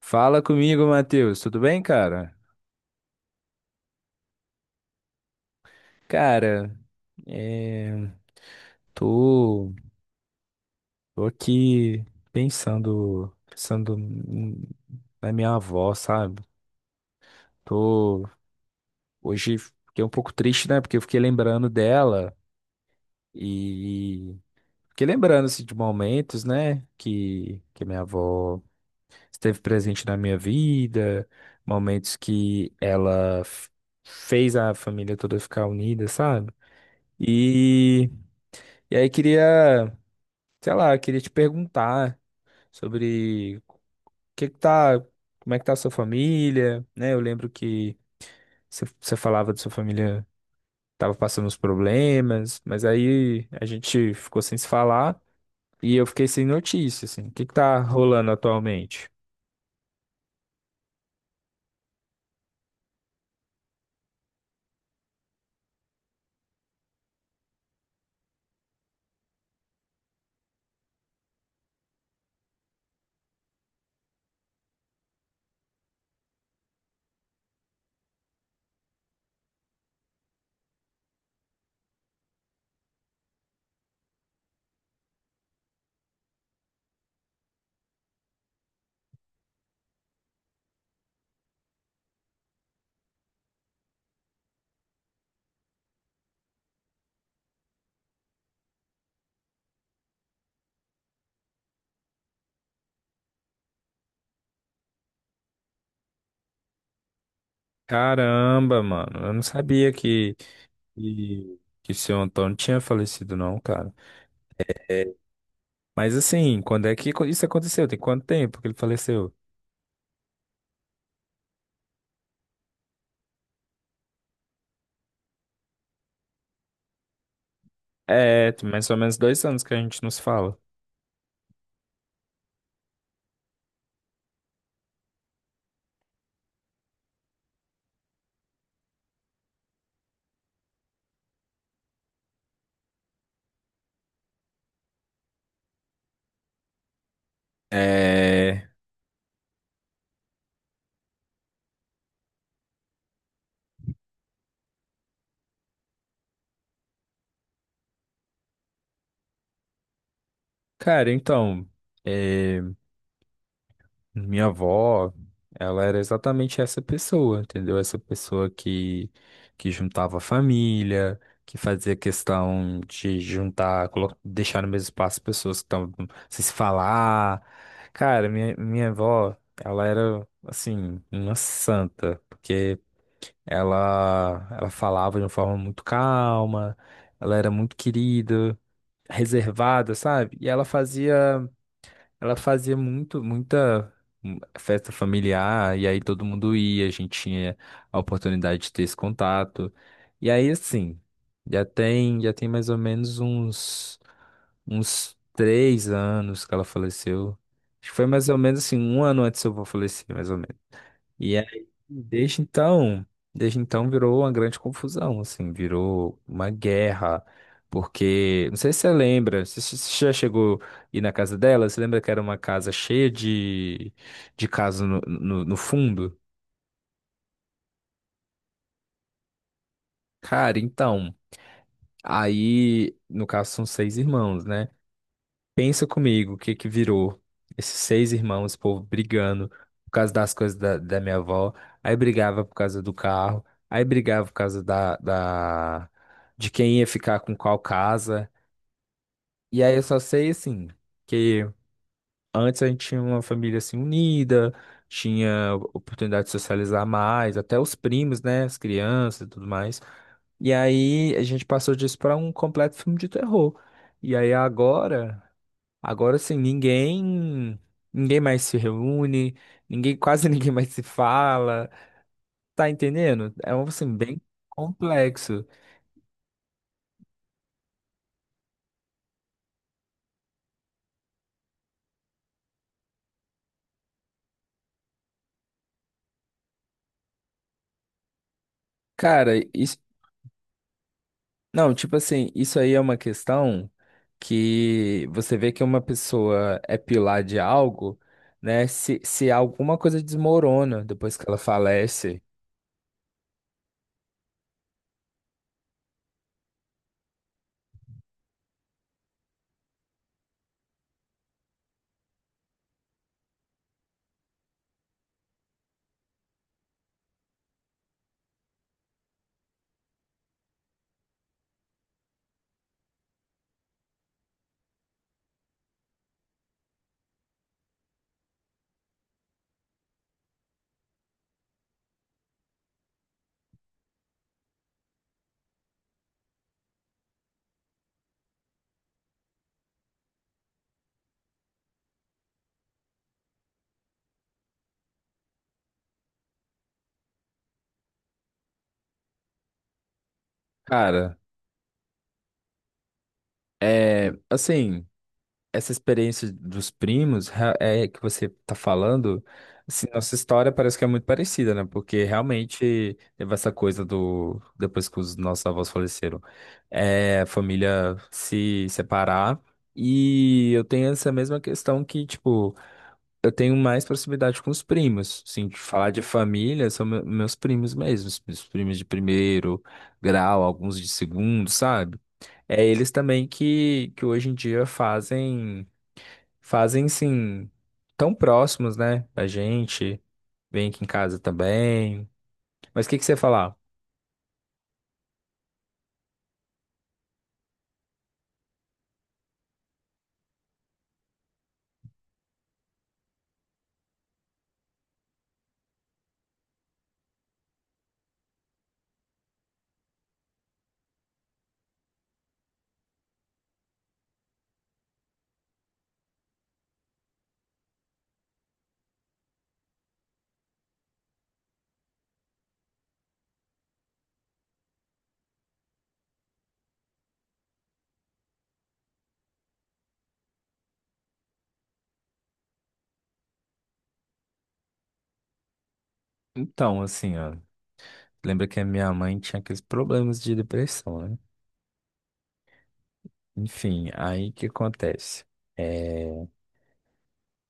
Fala comigo, Matheus. Tudo bem, cara? Cara, é, tô, tô aqui pensando, pensando n- na minha avó, sabe? Tô Hoje fiquei um pouco triste, né? Porque eu fiquei lembrando dela e fiquei lembrando assim, de momentos, né? Que minha avó esteve presente na minha vida, momentos que fez a família toda ficar unida, sabe? E E aí sei lá, queria te perguntar sobre o que que tá, como é que tá a sua família, né? Eu lembro que você falava de sua família, tava passando uns problemas, mas aí a gente ficou sem se falar e eu fiquei sem notícia, assim. O que que tá rolando atualmente? Caramba, mano, eu não sabia que o seu Antônio tinha falecido, não, cara. Mas assim, quando é que isso aconteceu? Tem quanto tempo que ele faleceu? É, tem mais ou menos dois anos que a gente nos fala. É, cara, então, é, minha avó, ela era exatamente essa pessoa, entendeu? Essa pessoa que juntava a família, que fazia questão de juntar, deixar no mesmo espaço pessoas que estavam sem se falar. Cara, minha avó, ela era, assim, uma santa. Porque ela falava de uma forma muito calma, ela era muito querida, reservada, sabe? E ela fazia muita festa familiar, e aí todo mundo ia, a gente tinha a oportunidade de ter esse contato. E aí, assim, já tem mais ou menos uns três anos que ela faleceu. Acho que foi mais ou menos assim, um ano antes eu vou falecer, mais ou menos. E aí, desde então virou uma grande confusão, assim, virou uma guerra, porque, não sei se você lembra, se já chegou a ir na casa dela, você lembra que era uma casa cheia de casa no fundo? Cara, então, aí, no caso são seis irmãos, né? Pensa comigo, o que que virou? Esses seis irmãos, esse povo brigando por causa das coisas da minha avó, aí brigava por causa do carro, aí brigava por causa de quem ia ficar com qual casa. E aí eu só sei, assim, que antes a gente tinha uma família, assim, unida, tinha oportunidade de socializar mais, até os primos, né, as crianças e tudo mais. E aí a gente passou disso para um completo filme de terror. E aí agora. Agora sim, ninguém mais se reúne, ninguém, quase ninguém mais se fala. Tá entendendo? É um assim bem complexo. Cara, isso, não, tipo assim, isso aí é uma questão que você vê que uma pessoa é pilar de algo, né? Se alguma coisa desmorona depois que ela falece, cara, é assim. Essa experiência dos primos é que você tá falando, assim, nossa história parece que é muito parecida, né? Porque realmente teve essa coisa do depois que os nossos avós faleceram, é, a família se separar. E eu tenho essa mesma questão que, tipo, eu tenho mais proximidade com os primos. Assim, de falar de família, são meus primos mesmos, os primos de primeiro grau, alguns de segundo, sabe? É eles também que hoje em dia fazem. Fazem, sim, tão próximos, né, da gente. Vem aqui em casa também. Mas o que que você ia falar? Então, assim, ó, lembra que a minha mãe tinha aqueles problemas de depressão, né? Enfim, aí o que acontece? É,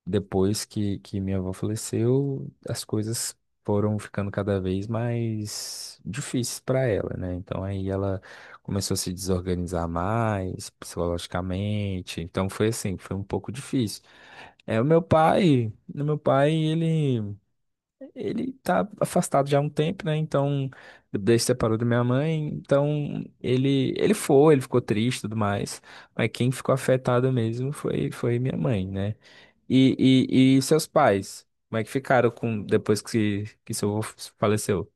depois que minha avó faleceu, as coisas foram ficando cada vez mais difíceis para ela, né? Então aí ela começou a se desorganizar mais psicologicamente. Então foi assim, foi um pouco difícil. É, o meu pai, ele tá afastado já há um tempo, né? Então, desde que separou da minha mãe, então ele ficou triste e tudo mais, mas quem ficou afetada mesmo foi, foi minha mãe, né? E, e seus pais, como é que ficaram com depois que seu avô faleceu?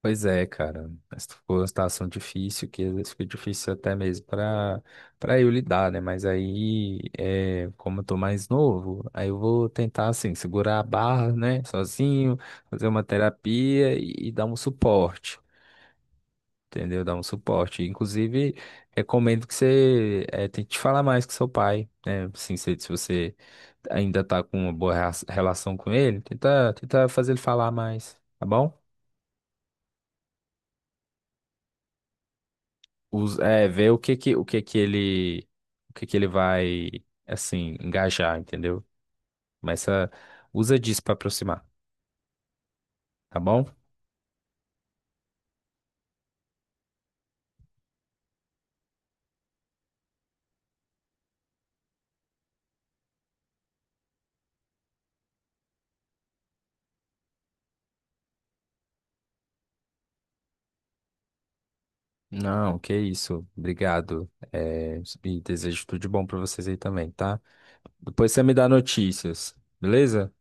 Pois é, cara. Essa foi uma situação difícil, que às vezes fica difícil até mesmo para eu lidar, né? Mas aí, é, como eu tô mais novo, aí eu vou tentar, assim, segurar a barra, né? Sozinho, fazer uma terapia e dar um suporte, entendeu? Dar um suporte. Inclusive, recomendo que você é, tente falar mais com seu pai, né? Assim, se você ainda tá com uma boa relação com ele, tenta fazer ele falar mais, tá bom? É, ver o que que ele vai, assim, engajar, entendeu? Mas ah, usa disso pra aproximar, tá bom? Não, que isso. Obrigado. É, e desejo tudo de bom pra vocês aí também, tá? Depois você me dá notícias, beleza?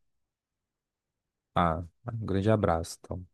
Ah, um grande abraço. Então.